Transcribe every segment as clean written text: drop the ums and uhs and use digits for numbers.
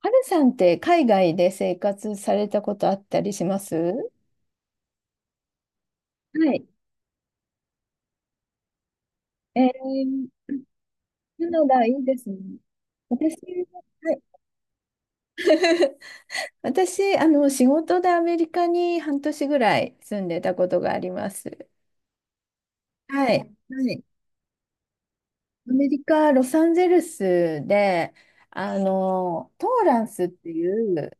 はるさんって海外で生活されたことあったりしますはい。えー、カナダいいですね。私、はい、私、仕事でアメリカに半年ぐらい住んでたことがあります。はい。はい。アメリカ・ロサンゼルスで、トーランスっていう、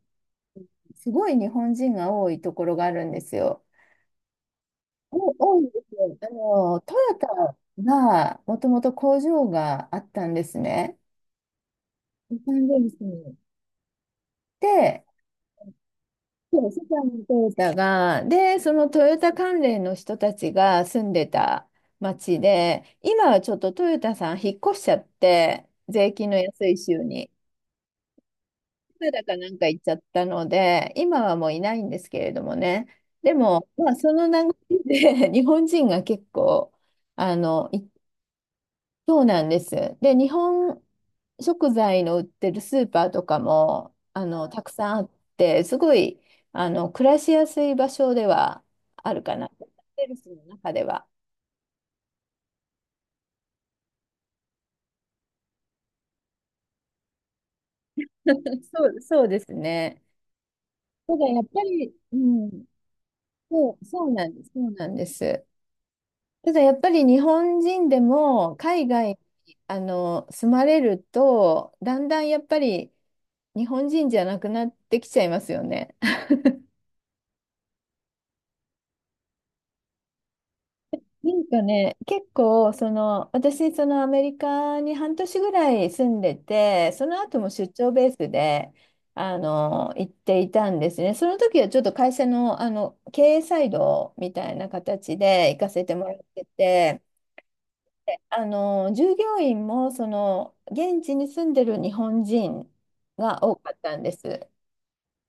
すごい日本人が多いところがあるんですよ。お、多いですよ。トヨタが、もともと工場があったんですね。日産電機に行って、そう世界のトヨタが、で、そのトヨタ関連の人たちが住んでた町で、今はちょっとトヨタさん引っ越しちゃって、税金の安い州に、カナダかなんか行っちゃったので、今はもういないんですけれどもね。でも、まあ、その流れで 日本人が結構、行っそうなんです。で、日本食材の売ってるスーパーとかも、たくさんあって、すごい、暮らしやすい場所ではあるかな。ロサンゼルスの中では。そうですね。ただやっぱり、うん、そうなんです。そうなんです。ただやっぱり日本人でも海外に住まれると、だんだんやっぱり日本人じゃなくなってきちゃいますよね。なんかね、結構、その、私、そのアメリカに半年ぐらい住んでて、その後も出張ベースで、行っていたんですね。その時はちょっと会社の、経営サイドみたいな形で行かせてもらってて、で従業員も、その、現地に住んでる日本人が多かったんです。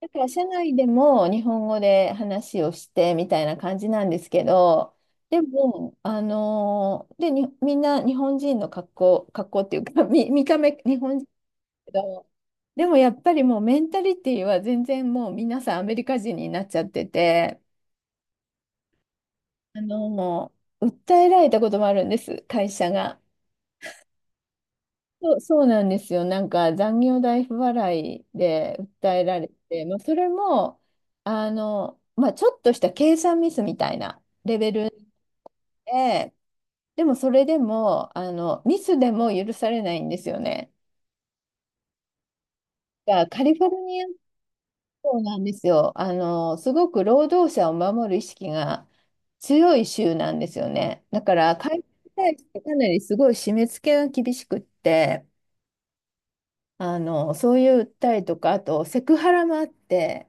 だから社内でも日本語で話をしてみたいな感じなんですけど、でも、あのーで、に、みんな日本人の格好っていうか、見た目日本人だけど、でもやっぱりもうメンタリティは全然もう皆さんアメリカ人になっちゃってて、もう訴えられたこともあるんです、会社が。そうなんですよ。なんか残業代不払いで訴えられて、まあ、それもまあ、ちょっとした計算ミスみたいなレベルで、でもそれでもあのミスでも許されないんですよね。がカリフォルニア州なんですよ。すごく労働者を守る意識が強い州なんですよね。だから会社に対してかなりすごい締め付けが厳しくって。そういう訴えとか、あとセクハラもあって、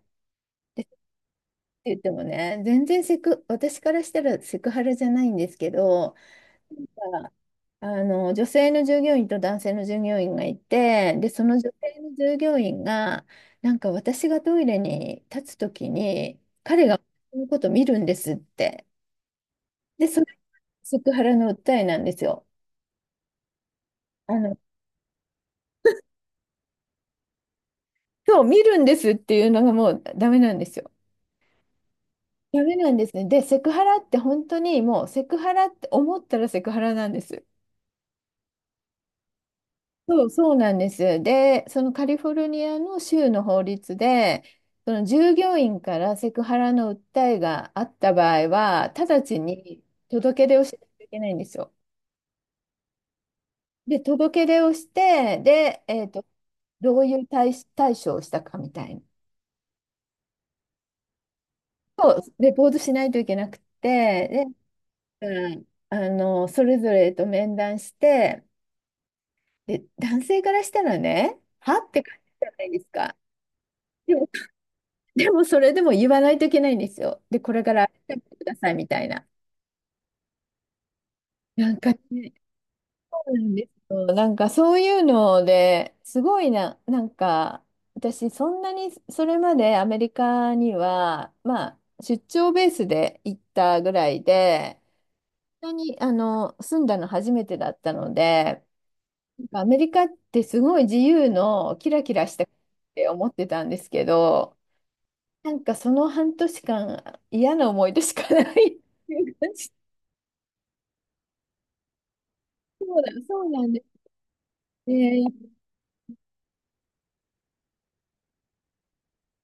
って言ってもね、全然セク、私からしたらセクハラじゃないんですけど、なんか女性の従業員と男性の従業員がいて、で、その女性の従業員が、なんか私がトイレに立つときに、彼が私のこと見るんですって。で、それがセクハラの訴えなんですよ。あの、今日見るんですっていうのがもうダメなんですよ。ダメなんですね。で、セクハラって本当にもうセクハラって思ったらセクハラなんです。そうなんです。で、そのカリフォルニアの州の法律で、その従業員からセクハラの訴えがあった場合は、直ちに届け出をしなきゃいけないんですよ。で、届け出をして、で、どういう対処をしたかみたいな。そうレポートしないといけなくて、で、うんそれぞれと面談して、で、男性からしたらね、はって感じじゃないですか。でも、でもそれでも言わないといけないんですよ。で、これから改めてくださいみたいな。なんかね、そうなんですよ。なんかそういうのですごいな、なんか私そんなにそれまでアメリカには、まあ出張ベースで行ったぐらいで、そんなにあの住んだの初めてだったので、なんかアメリカってすごい自由のキラキラした国って思ってたんですけど、なんかその半年間嫌な思い出しかない っていう感じ。そうだ、そうなんですね。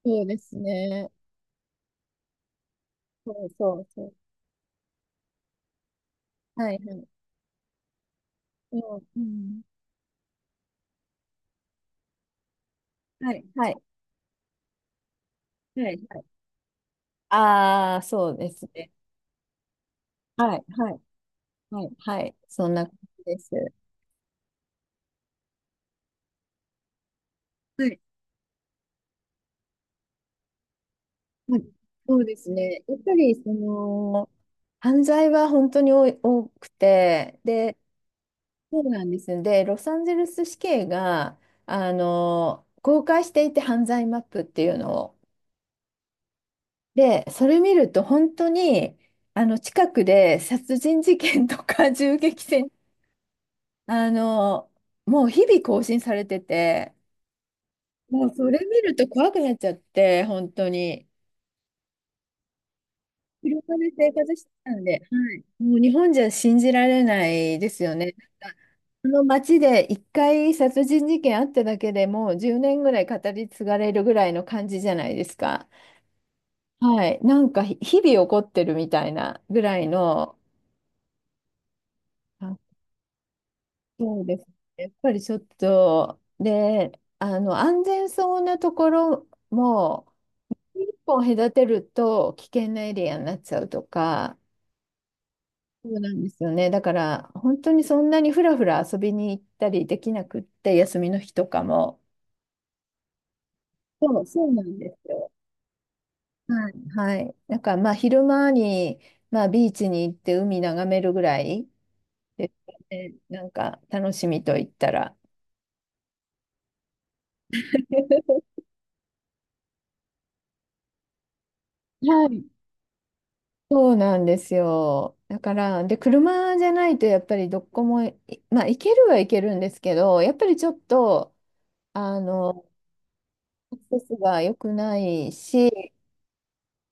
そうですね。そうそうそう。はいはい。うんうん、はいはいはいはい。ああ、そうですね。はいはいはいはい。そんな感じです。はい。はい、そうですね。やっぱりその犯罪は本当に多くて、で、そうなんです。で、ロサンゼルス市警が、公開していて犯罪マップっていうのを。で、それ見ると本当に、近くで殺人事件とか 銃撃戦、あの、もう日々更新されてて、もうそれ見ると怖くなっちゃって、本当に。車で生活してたんで、はい、もう日本じゃ信じられないですよね。なんかあの街で一回殺人事件あっただけでもう10年ぐらい語り継がれるぐらいの感じじゃないですか。はい、なんか日々起こってるみたいなぐらいの、あ、そうですね。やっぱりちょっと、で、あの安全そうなところも一本隔てると危険なエリアになっちゃうとか、そうなんですよね。だから、本当にそんなにふらふら遊びに行ったりできなくって、休みの日とかも。そうなんですよ。はい。はい。なんか、まあ、昼間に、まあ、ビーチに行って海眺めるぐらいですかね。なんか、楽しみと言ったら。はい。そうなんですよ。だから、で、車じゃないとやっぱりどこもい、まあ、行けるは行けるんですけど、やっぱりちょっと、あの、アクセスが良くないし、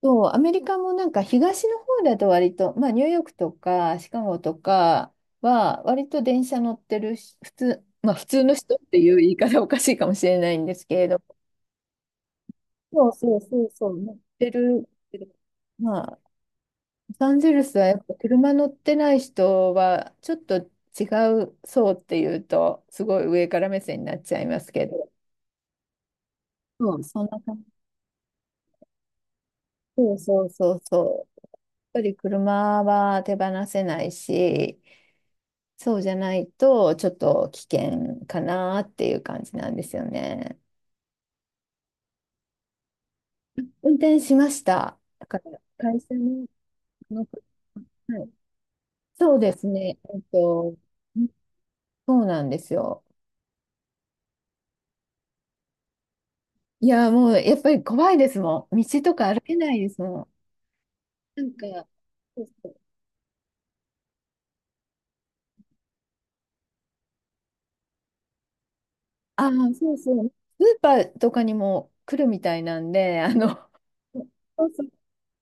そう、アメリカもなんか東の方だと割と、まあニューヨークとかシカゴとかは割と電車乗ってるし、普通、まあ普通の人っていう言い方おかしいかもしれないんですけれど、そうそうそうそう、乗ってるけど。まあ、ロサンゼルスはやっぱ車乗ってない人はちょっと違う層っていうと、すごい上から目線になっちゃいますけど、そう、そんな感じ。そうそうそうそう。やっぱり車は手放せないし、そうじゃないと、ちょっと危険かなっていう感じなんですよね。運転しました。だから会社の、あのはいそうですね。そうなんですよ。いや、もうやっぱり怖いですもん。道とか歩けないですもん。なんか、そうそうああ、そうそう。スーパーとかにも来るみたいなんで、そうそう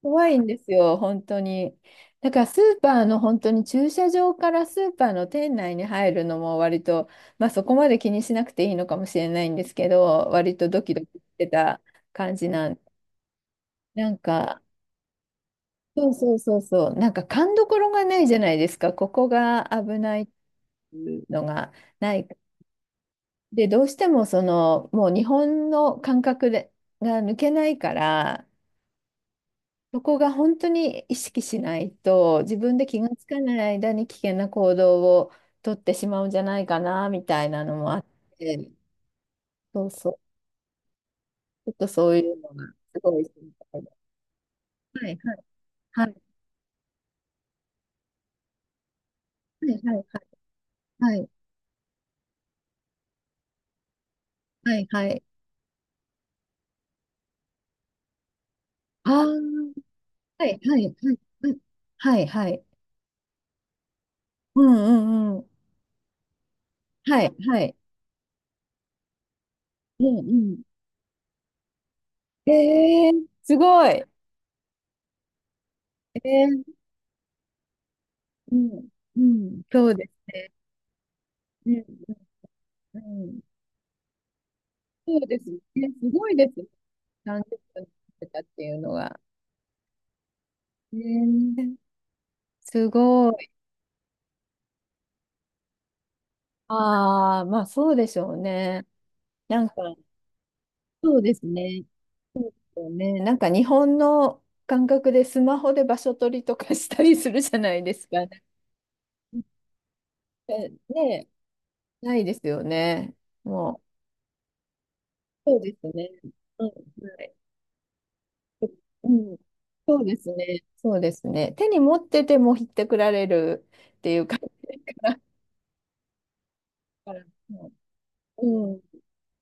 怖いんですよ、本当に。だからスーパーの本当に駐車場からスーパーの店内に入るのも割と、まあそこまで気にしなくていいのかもしれないんですけど、割とドキドキしてた感じなん。なんか、そうそうそうそう、なんか勘どころがないじゃないですか、ここが危ないっていうのがない。で、どうしてもその、もう日本の感覚でが抜けないから、そこが本当に意識しないと、自分で気がつかない間に危険な行動をとってしまうんじゃないかな、みたいなのもあって、そうそう、ちょっとそういうのがすごい心配です。はい、はい、はい、はい、はい、はい、はい、ああー、はい、はい、はい、うん、はい、はい、うん、うん、うん、はい、はい、うん、うん。ええー、すごい。ええうん、うん、そうですね。うん、うん、そうですね。すごいですね感じゅってたっていうのが。へえすごい。ああ、まあそうでしょうね。なんか、そうですね。そうですよね。なんか日本の感覚でスマホで場所取りとかしたりするじゃないですか。えね、ないですよね。もう。そうですね。うん、はい。うん。そうですね。そうですね。手に持っててもひってくられるっていう感じから。うん。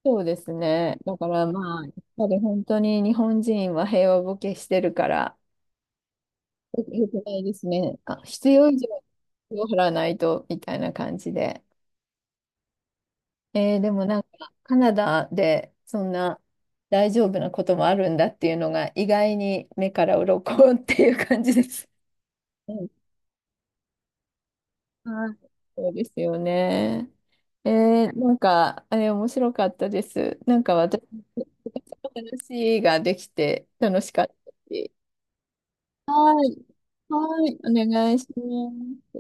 そうですね。だからまあ、やっぱり本当に日本人は平和ボケしてるから、よくないですね。あ、必要以上に払わないと、みたいな感じで。えーでもなんか、カナダでそんな大丈夫なこともあるんだっていうのが、意外に目から鱗 っていう感じです。うんはい、そうですよね。えーなんか、あれ面白かったです。なんか私の話ができて楽しかったし。はい。はい。お願いします。